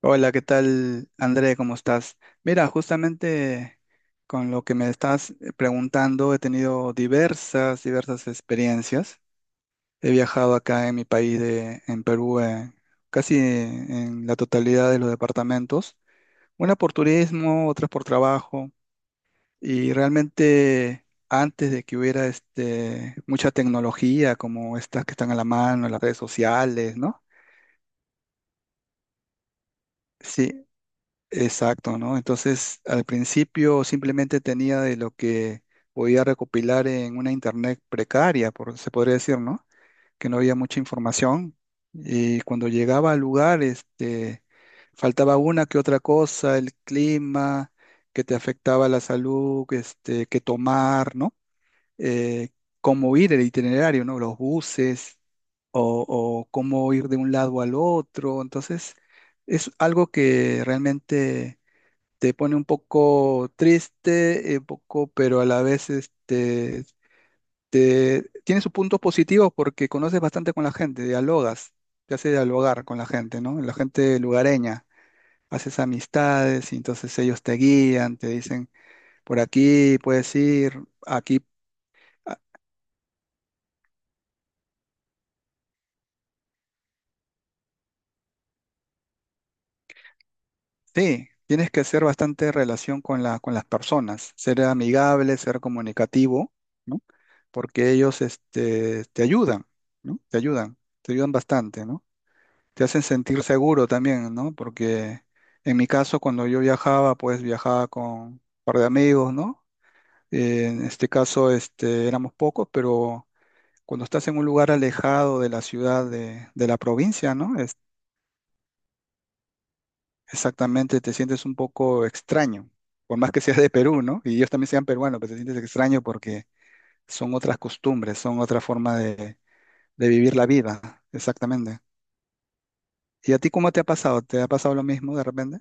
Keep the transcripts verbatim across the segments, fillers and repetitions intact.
Hola, ¿qué tal, André? ¿Cómo estás? Mira, justamente con lo que me estás eh, preguntando, he tenido diversas, diversas experiencias. He viajado acá en mi país, de, en Perú, eh, casi en la totalidad de los departamentos, una por turismo, otras por trabajo, y realmente antes de que hubiera este, mucha tecnología como estas que están a la mano, las redes sociales, ¿no? Sí, exacto, ¿no? Entonces, al principio simplemente tenía de lo que podía recopilar en una internet precaria, por, se podría decir, ¿no? Que no había mucha información. Y cuando llegaba al lugar, este, faltaba una que otra cosa, el clima, que te afectaba la salud, este, qué tomar, ¿no? Eh, cómo ir el itinerario, ¿no? Los buses o, o cómo ir de un lado al otro. Entonces, es algo que realmente te pone un poco triste, eh, un poco, pero a la vez este, te- tiene sus puntos positivos porque conoces bastante con la gente, dialogas, te hace dialogar con la gente, ¿no? La gente lugareña, haces amistades y entonces ellos te guían, te dicen, por aquí puedes ir, aquí. Ah, sí, tienes que hacer bastante relación con la, con las personas, ser amigable, ser comunicativo, ¿no? Porque ellos este, te ayudan, ¿no? Te ayudan, te ayudan bastante, ¿no? Te hacen sentir seguro también, ¿no? Porque en mi caso, cuando yo viajaba, pues viajaba con un par de amigos, ¿no? Eh, en este caso, este, éramos pocos, pero cuando estás en un lugar alejado de la ciudad, de, de la provincia, ¿no? Es- exactamente, te sientes un poco extraño, por más que seas de Perú, ¿no? Y ellos también sean peruanos, pero te sientes extraño porque son otras costumbres, son otra forma de, de vivir la vida, exactamente. ¿Y a ti cómo te ha pasado? ¿Te ha pasado lo mismo de repente?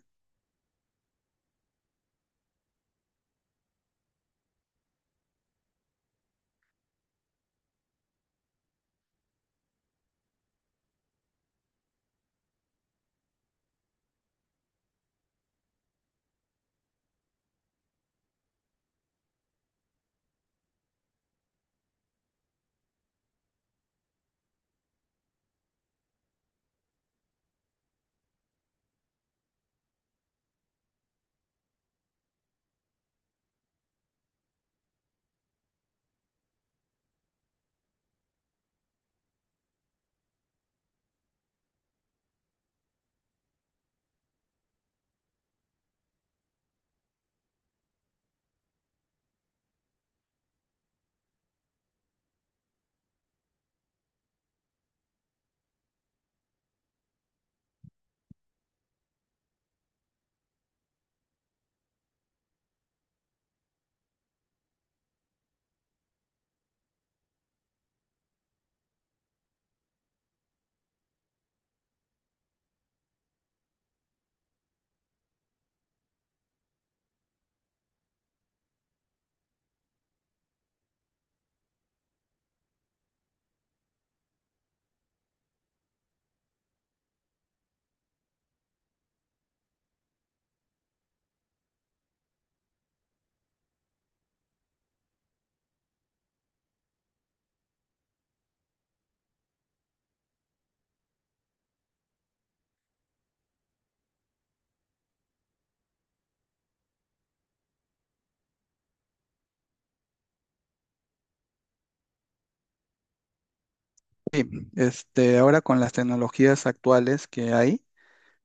Este, ahora con las tecnologías actuales que hay,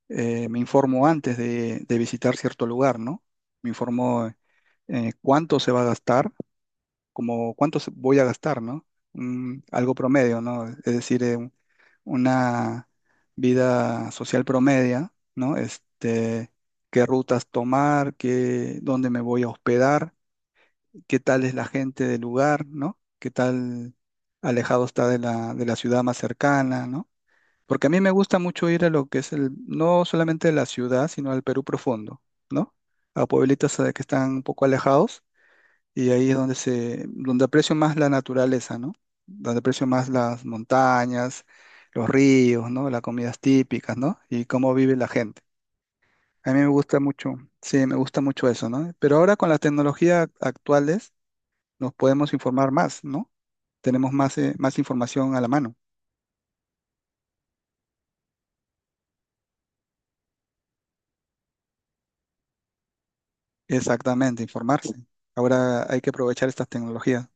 eh, me informo antes de, de visitar cierto lugar, ¿no? Me informo eh, cuánto se va a gastar, como cuánto se- voy a gastar, ¿no? Un- algo promedio, ¿no? Es decir, eh, un- una vida social promedia, ¿no? Este, qué rutas tomar, qué, dónde me voy a hospedar, qué tal es la gente del lugar, ¿no? Qué tal alejado está de la, de la ciudad más cercana, ¿no? Porque a mí me gusta mucho ir a lo que es el, no solamente la ciudad, sino al Perú profundo, ¿no? A pueblitos eh, que están un poco alejados y ahí es donde se, donde aprecio más la naturaleza, ¿no? Donde aprecio más las montañas, los ríos, ¿no? Las comidas típicas, ¿no? Y cómo vive la gente. A mí me gusta mucho, sí, me gusta mucho eso, ¿no? Pero ahora con la tecnología actuales nos podemos informar más, ¿no? Tenemos más, eh, más información a la mano. Exactamente, informarse. Ahora hay que aprovechar estas tecnologías.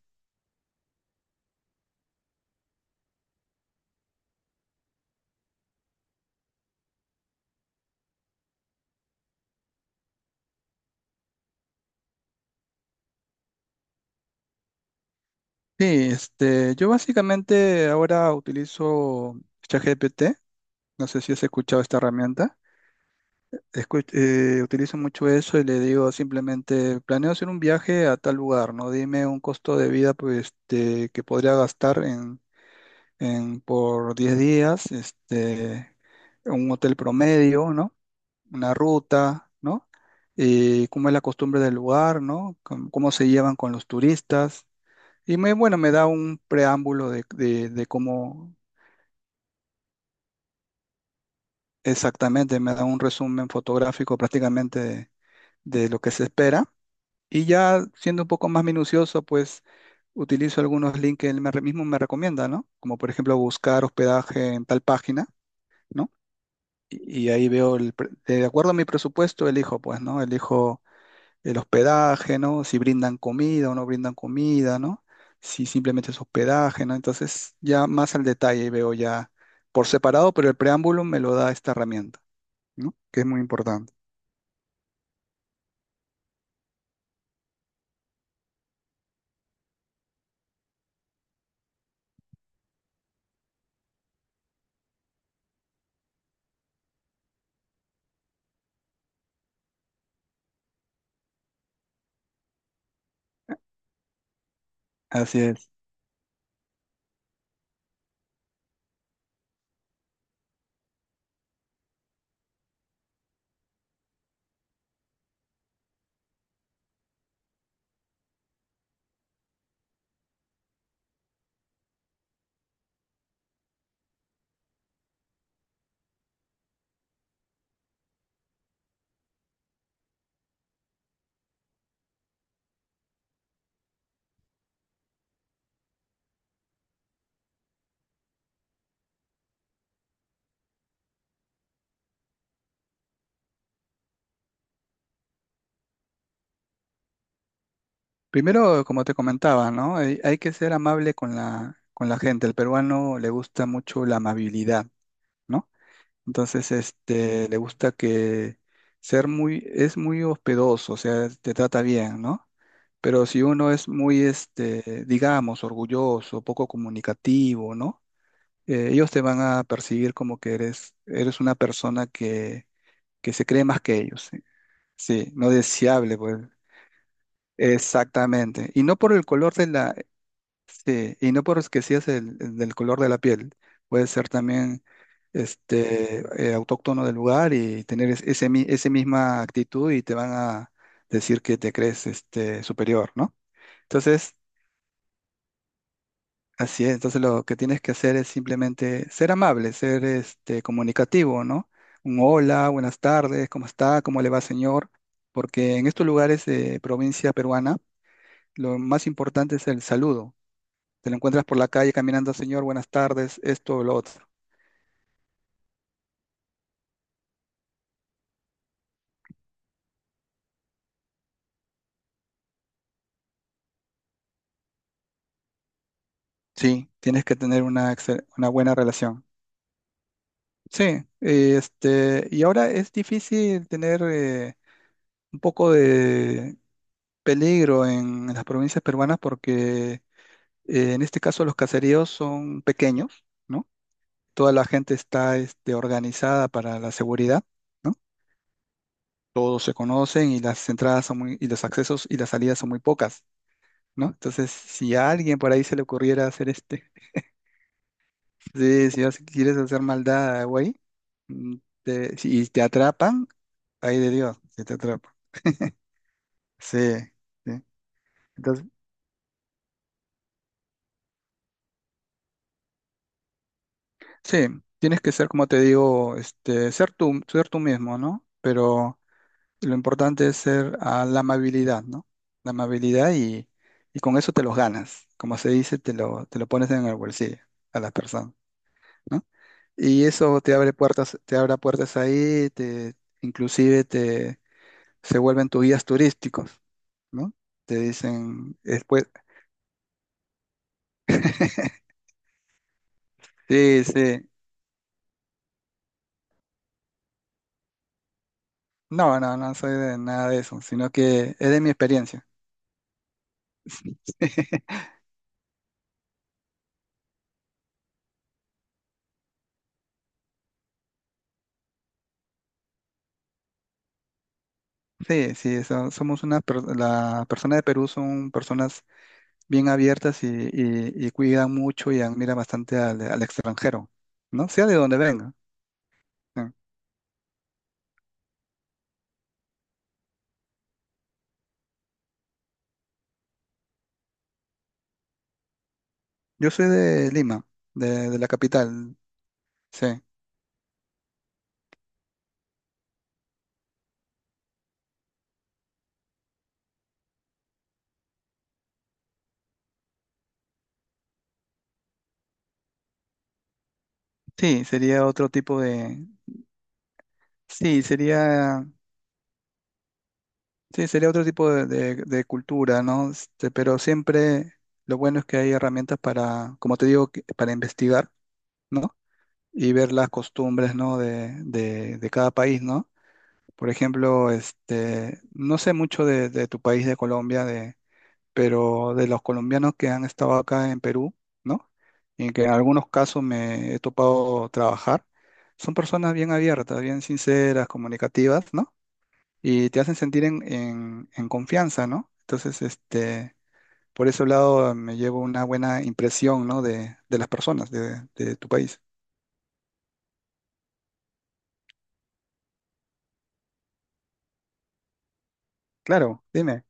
Sí, este, yo básicamente ahora utilizo ChatGPT. No sé si has escuchado esta herramienta. Escu- eh, utilizo mucho eso y le digo simplemente, planeo hacer un viaje a tal lugar, ¿no? Dime un costo de vida pues, este, que podría gastar en, en por diez días, este, un hotel promedio, ¿no? Una ruta, ¿no? Eh, cómo es la costumbre del lugar, ¿no? Cómo, cómo se llevan con los turistas. Y me, bueno, me da un preámbulo de, de- de cómo exactamente, me da un resumen fotográfico prácticamente de, de lo que se espera. Y ya siendo un poco más minucioso, pues utilizo algunos links que él me, re- mismo me recomienda, ¿no? Como por ejemplo buscar hospedaje en tal página, ¿no? Y, y ahí veo, el pre- de acuerdo a mi presupuesto, elijo, pues, ¿no? Elijo el hospedaje, ¿no? Si brindan comida o no brindan comida, ¿no? Si simplemente es hospedaje, ¿no? Entonces, ya más al detalle veo ya por separado, pero el preámbulo me lo da esta herramienta, ¿no? Que es muy importante. Así es. Primero, como te comentaba, ¿no? Hay, hay que ser amable con la, con la gente. El peruano le gusta mucho la amabilidad, ¿no? Entonces, este, le gusta que ser muy, es muy hospedoso, o sea, te trata bien, ¿no? Pero si uno es muy, este, digamos, orgulloso, poco comunicativo, ¿no? Eh, ellos te van a percibir como que eres, eres una persona que, que se cree más que ellos. Sí, sí, no deseable, pues. Exactamente. Y no por el color de la, sí, y no por es que seas el, el del color de la piel. Puede ser también este eh, autóctono del lugar y tener es- ese, mi- ese misma actitud y te van a decir que te crees este superior, ¿no? Entonces, así es, entonces lo que tienes que hacer es simplemente ser amable, ser este comunicativo, ¿no? Un hola, buenas tardes, ¿cómo está? ¿Cómo le va, señor? Porque en estos lugares de provincia peruana, lo más importante es el saludo. Te lo encuentras por la calle caminando, señor, buenas tardes, esto o lo otro. Sí, tienes que tener una, excel- una buena relación. Sí, este, y ahora es difícil tener eh, un poco de peligro en las provincias peruanas porque Eh, en este caso, los caseríos son pequeños, ¿no? Toda la gente está este, organizada para la seguridad, ¿no? Todos se conocen y las entradas son muy, y los accesos y las salidas son muy pocas, ¿no? Entonces, si a alguien por ahí se le ocurriera hacer este, sí, si, vas- quieres hacer maldad, güey, mm, te- si- y te atrapan, ahí de Dios, si te atrapan. Sí, sí. Entonces, sí, tienes que ser, como te digo, este, ser tú, ser tú mismo, ¿no? Pero lo importante es ser a la amabilidad, ¿no? La amabilidad y, y con eso te los ganas. Como se dice, te lo, te lo pones en el bolsillo a las personas, ¿no? Y eso te abre puertas, te abre puertas ahí, te, inclusive te, se vuelven tus guías turísticos, ¿no? Te dicen después, sí, sí. No, no, no soy de nada de eso, sino que es de mi experiencia. Sí, sí, so- somos una, per- la persona de Perú son personas bien abiertas y, y- y cuidan mucho y admiran bastante al, al extranjero, ¿no? Sea de donde venga. Sí. Yo soy de Lima, de, de la capital, sí. Sí, sería otro tipo de, sí, sería, sí, sería otro tipo de, de- de cultura, ¿no? Este, pero siempre lo bueno es que hay herramientas para, como te digo, que- para investigar, ¿no? Y ver las costumbres, ¿no? De, de, de cada país, ¿no? Por ejemplo, este, no sé mucho de, de tu país, de Colombia, pero de los colombianos que han estado acá en Perú, ¿no? Y que en algunos casos me he topado trabajar, son personas bien abiertas, bien sinceras, comunicativas, ¿no? Y te hacen sentir en, en- en confianza, ¿no? Entonces, este, por ese lado me llevo una buena impresión, ¿no? De, de las personas de, de tu país. Claro, dime.